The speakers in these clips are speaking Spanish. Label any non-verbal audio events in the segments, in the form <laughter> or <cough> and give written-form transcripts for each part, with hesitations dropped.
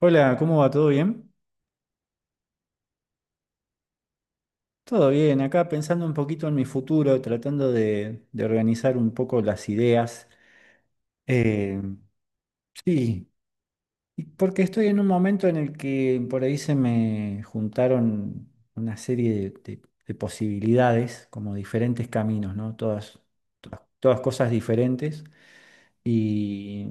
Hola, ¿cómo va? ¿Todo bien? Todo bien, acá pensando un poquito en mi futuro, tratando de organizar un poco las ideas. Eh, sí, y porque estoy en un momento en el que por ahí se me juntaron una serie de posibilidades, como diferentes caminos, ¿no? Todas cosas diferentes y,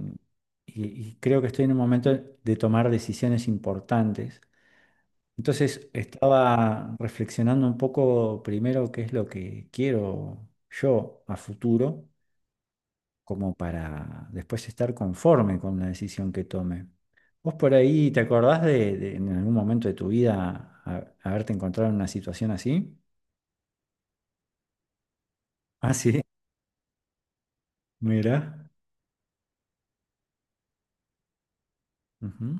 y y creo que estoy en un momento de tomar decisiones importantes. Entonces estaba reflexionando un poco primero qué es lo que quiero yo a futuro, como para después estar conforme con la decisión que tome. ¿Vos por ahí te acordás de en algún momento de tu vida haberte encontrado en una situación así? Ah, sí, <laughs> mira. Ujú.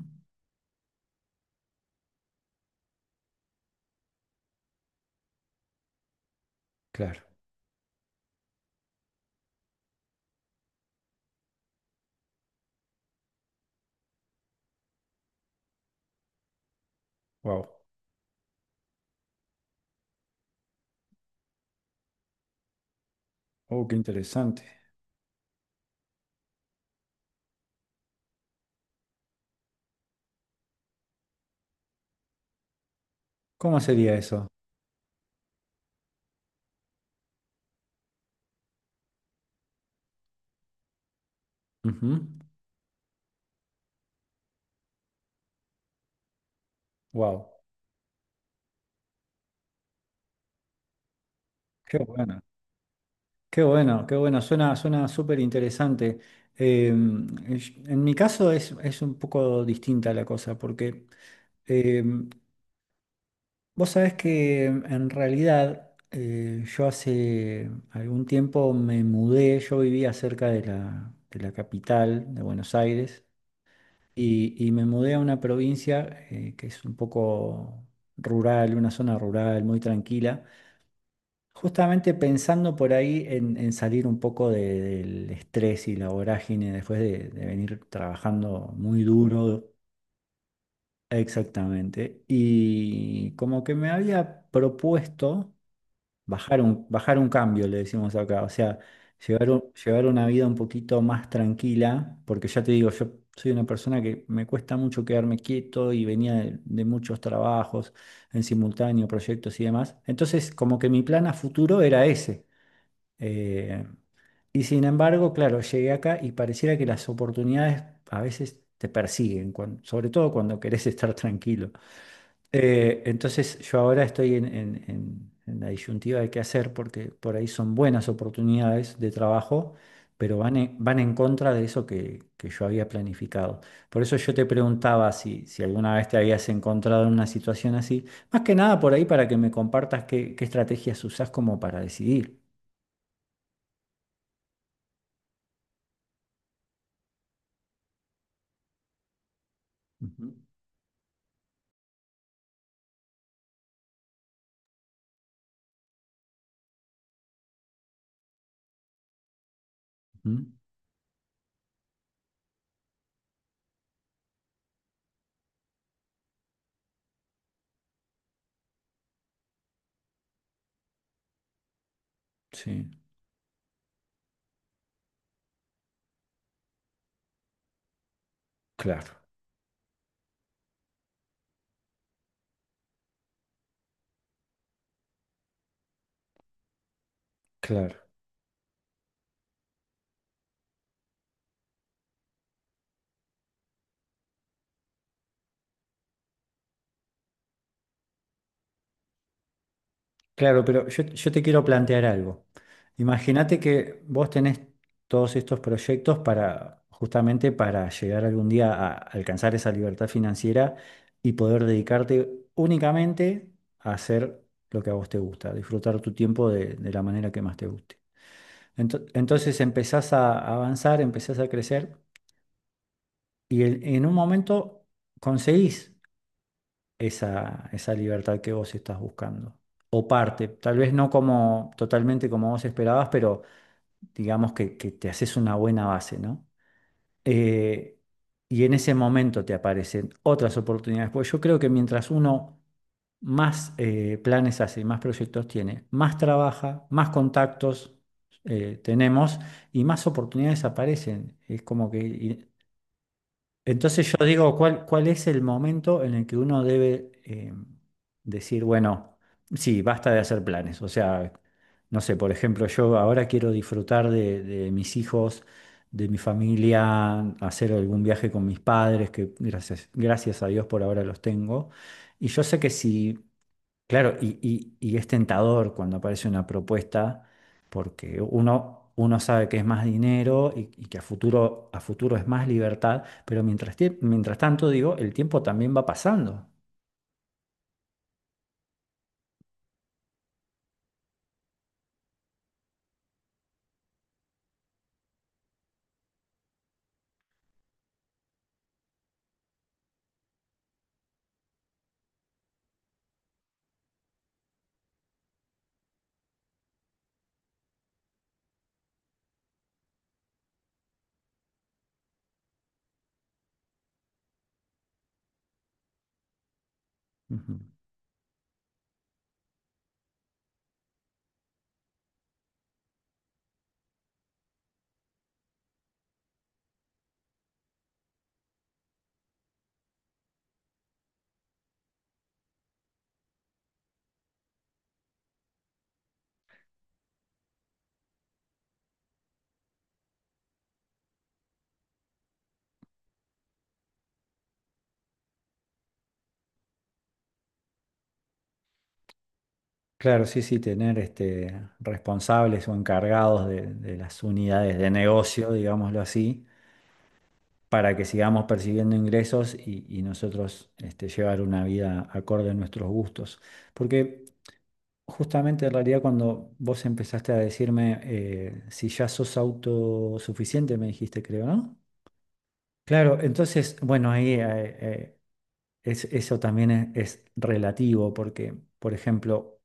Claro. Wow. Oh, qué interesante. ¿Cómo sería eso? Wow. Qué bueno. Qué bueno, suena súper interesante. Em, en mi caso es un poco distinta la cosa, porque em, vos sabés que en realidad yo hace algún tiempo me mudé, yo vivía cerca de de la capital de Buenos Aires y me mudé a una provincia que es un poco rural, una zona rural muy tranquila. Justamente pensando por ahí en salir un poco del estrés y la vorágine de venir trabajando muy duro, exactamente, y como que me había propuesto bajar un cambio, le decimos acá, o sea, llevar una vida un poquito más tranquila, porque ya te digo, yo soy una persona que me cuesta mucho quedarme quieto y venía de muchos trabajos en simultáneo, proyectos y demás, entonces como que mi plan a futuro era ese, eh, y sin embargo, claro, llegué acá y pareciera que las oportunidades a veces te persiguen, sobre todo cuando querés <laughs> estar tranquilo. Entonces yo ahora estoy en la disyuntiva de qué hacer porque por ahí son buenas oportunidades de trabajo, pero van van en contra de eso que yo había planificado. Por eso yo te preguntaba si alguna vez te habías encontrado en una situación así, más que nada por ahí para que me compartas qué estrategias usás como para decidir. Ujú, ujú. Sí, claro, claro, claro, pero yo te quiero plantear algo. Imagínate que vos tenés todos estos proyectos para, justamente para llegar algún día a alcanzar esa libertad financiera y poder dedicarte únicamente a hacer lo que a vos te gusta, disfrutar tu tiempo de la manera que más te guste. Entonces empezás a avanzar, empezás a crecer y en un momento conseguís esa libertad que vos estás buscando. O parte, tal vez no como totalmente como vos esperabas, pero digamos que te haces una buena base, ¿no? Eh, y en ese momento te aparecen otras oportunidades, porque yo creo que mientras uno más planes hace, más proyectos tiene, más trabaja, más contactos tenemos y más oportunidades aparecen. Es como que entonces yo digo, ¿ cuál es el momento en el que uno debe decir, bueno, sí, ¿basta de hacer planes? O sea, no sé, por ejemplo, yo ahora quiero disfrutar de mis hijos, de mi familia, hacer algún viaje con mis padres, que gracias a Dios por ahora los tengo. Y yo sé que si claro, y es tentador cuando aparece una propuesta, porque uno sabe que es más dinero y que a futuro es más libertad, pero mientras, mientras tanto, digo, el tiempo también va pasando. Ujú. Claro, sí, sí, tener este, responsables o encargados de las unidades de negocio, digámoslo así, para que sigamos percibiendo ingresos y nosotros este, llevar una vida acorde a nuestros gustos. Porque justamente en realidad cuando vos empezaste a decirme si ya sos autosuficiente, me dijiste, creo, ¿no? Claro, entonces, bueno, ahí eso también es relativo porque, por ejemplo,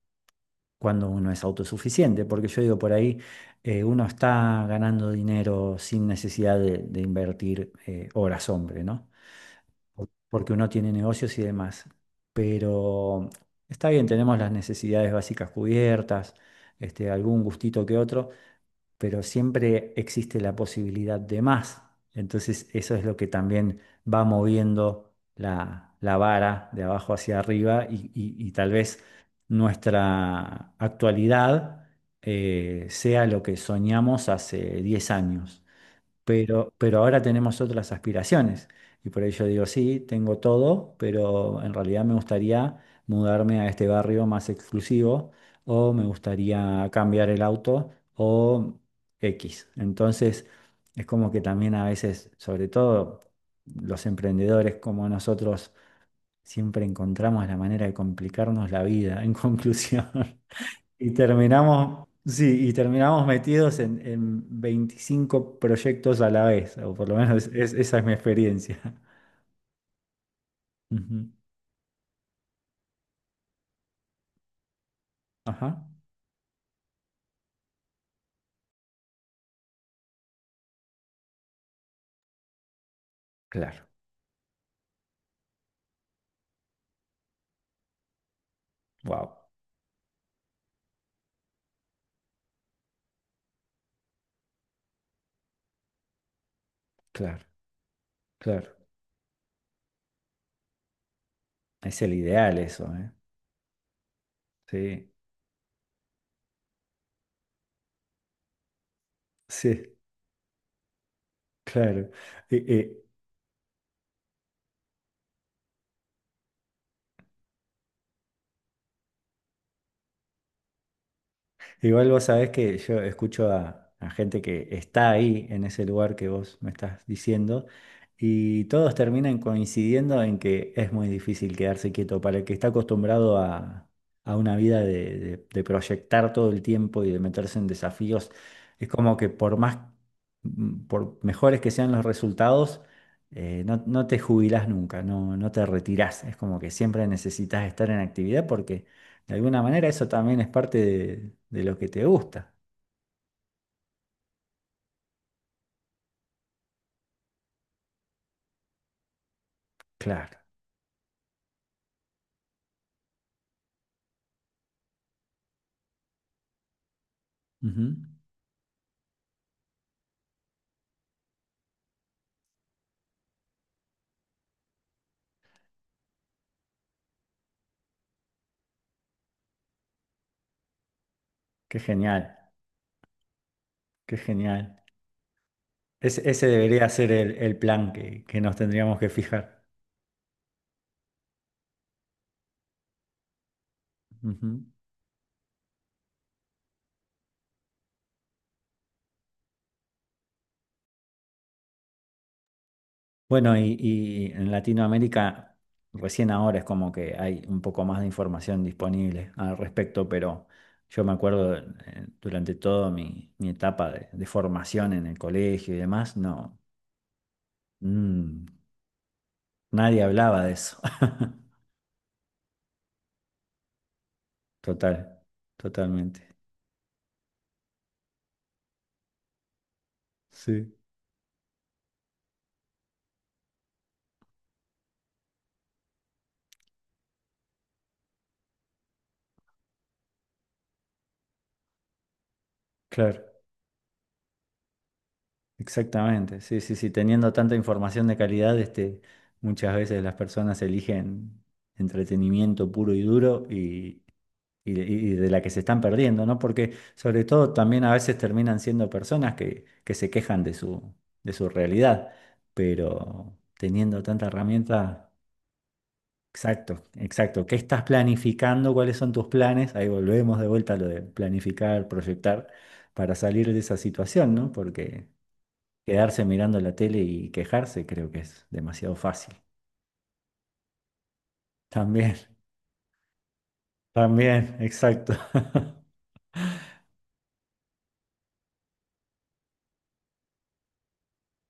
cuando uno es autosuficiente, porque yo digo por ahí, uno está ganando dinero sin necesidad de invertir horas hombre, ¿no? Porque uno tiene negocios y demás. Pero está bien, tenemos las necesidades básicas cubiertas, este, algún gustito que otro, pero siempre existe la posibilidad de más. Entonces eso es lo que también va moviendo la vara de abajo hacia arriba y, y tal vez nuestra actualidad sea lo que soñamos hace 10 años pero ahora tenemos otras aspiraciones. Y por ello digo, sí, tengo todo, pero en realidad me gustaría mudarme a este barrio más exclusivo o me gustaría cambiar el auto o X. Entonces, es como que también a veces, sobre todo los emprendedores como nosotros, siempre encontramos la manera de complicarnos la vida, en <laughs> conclusión. Y terminamos, sí, y terminamos metidos en 25 proyectos a la vez, o por lo menos esa es mi experiencia. <laughs> Ujú. Ajá. Claro. Wow. Claro, claro. Es el ideal eso, ¿eh? Sí, sí, claro. Eh, eh, Igual vos sabés que yo escucho a gente que está ahí en ese lugar que vos me estás diciendo y todos terminan coincidiendo en que es muy difícil quedarse quieto para el que está acostumbrado a una vida de proyectar todo el tiempo y de meterse en desafíos. Es como que por más, por mejores que sean los resultados, no, no te jubilás nunca, no, no te retirás. Es como que siempre necesitas estar en actividad porque... De alguna manera eso también es parte de lo que te gusta. Claro. Ujú. Qué genial, qué genial. Ese debería ser el plan que nos tendríamos que fijar. Ujú. Bueno, y en Latinoamérica recién ahora es como que hay un poco más de información disponible al respecto, pero yo me acuerdo durante toda mi, mi etapa de formación en el colegio y demás, no, mm, nadie hablaba de eso. <laughs> Total, totalmente. Sí, claro, exactamente. Sí, sí, sí, teniendo tanta información de calidad, este, muchas veces las personas eligen entretenimiento puro y duro y, y de la que se están perdiendo, ¿no? Porque sobre todo también a veces terminan siendo personas que se quejan de su realidad, pero teniendo tanta herramienta, exacto, exacto. ¿Qué estás planificando? ¿Cuáles son tus planes? Ahí volvemos de vuelta a lo de planificar, proyectar para salir de esa situación, ¿no? Porque quedarse mirando la tele y quejarse creo que es demasiado fácil. También, también, exacto. <laughs>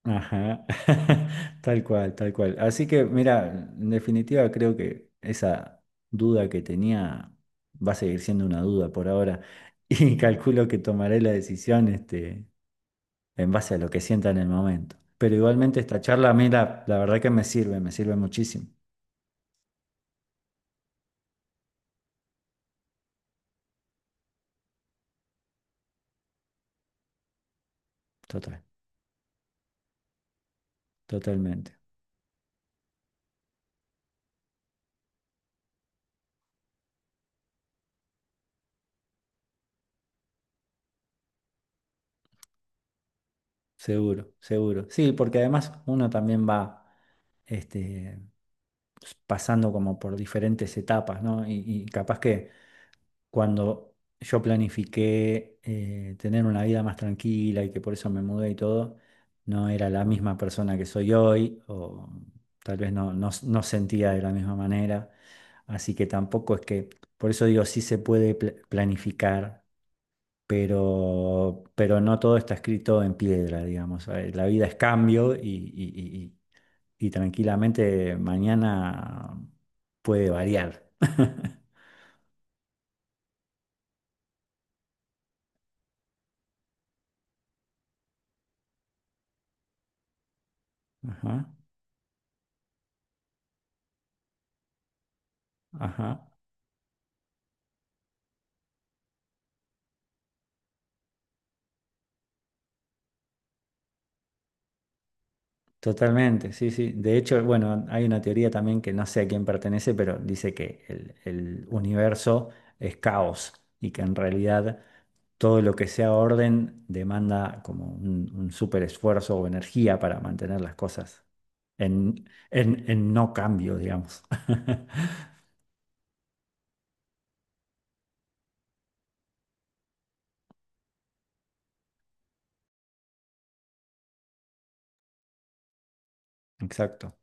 Ajá, <laughs> tal cual, tal cual. Así que, mira, en definitiva creo que esa duda que tenía va a seguir siendo una duda por ahora <laughs> y calculo que tomaré la decisión este, en base a lo que sienta en el momento. Pero igualmente esta charla a mí la verdad que me sirve muchísimo. Total, totalmente. Seguro, seguro. Sí, porque además uno también va este, pues, pasando como por diferentes etapas, ¿no? Y capaz que cuando yo planifiqué tener una vida más tranquila y que por eso me mudé y todo, no era la misma persona que soy hoy, o tal vez no sentía de la misma manera. Así que tampoco es que, por eso digo, sí se puede planificar pero no todo está escrito en piedra, digamos. La vida es cambio y- y tranquilamente mañana puede variar. <laughs> Ajá, ajá, totalmente, sí, sí. De hecho, bueno, hay una teoría también que no sé a quién pertenece, pero dice que el universo es caos y que en realidad todo lo que sea orden demanda como un súper esfuerzo o energía para mantener las cosas en no cambio, digamos. <laughs> Exacto,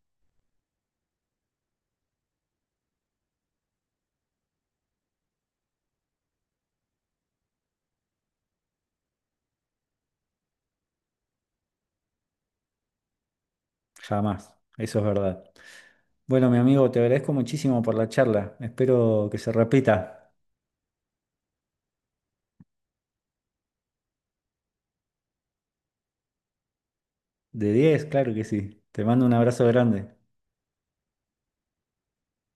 jamás. Eso es verdad. Bueno, mi amigo, te agradezco muchísimo por la charla. Espero que se repita. De diez, claro que sí. Te mando un abrazo grande.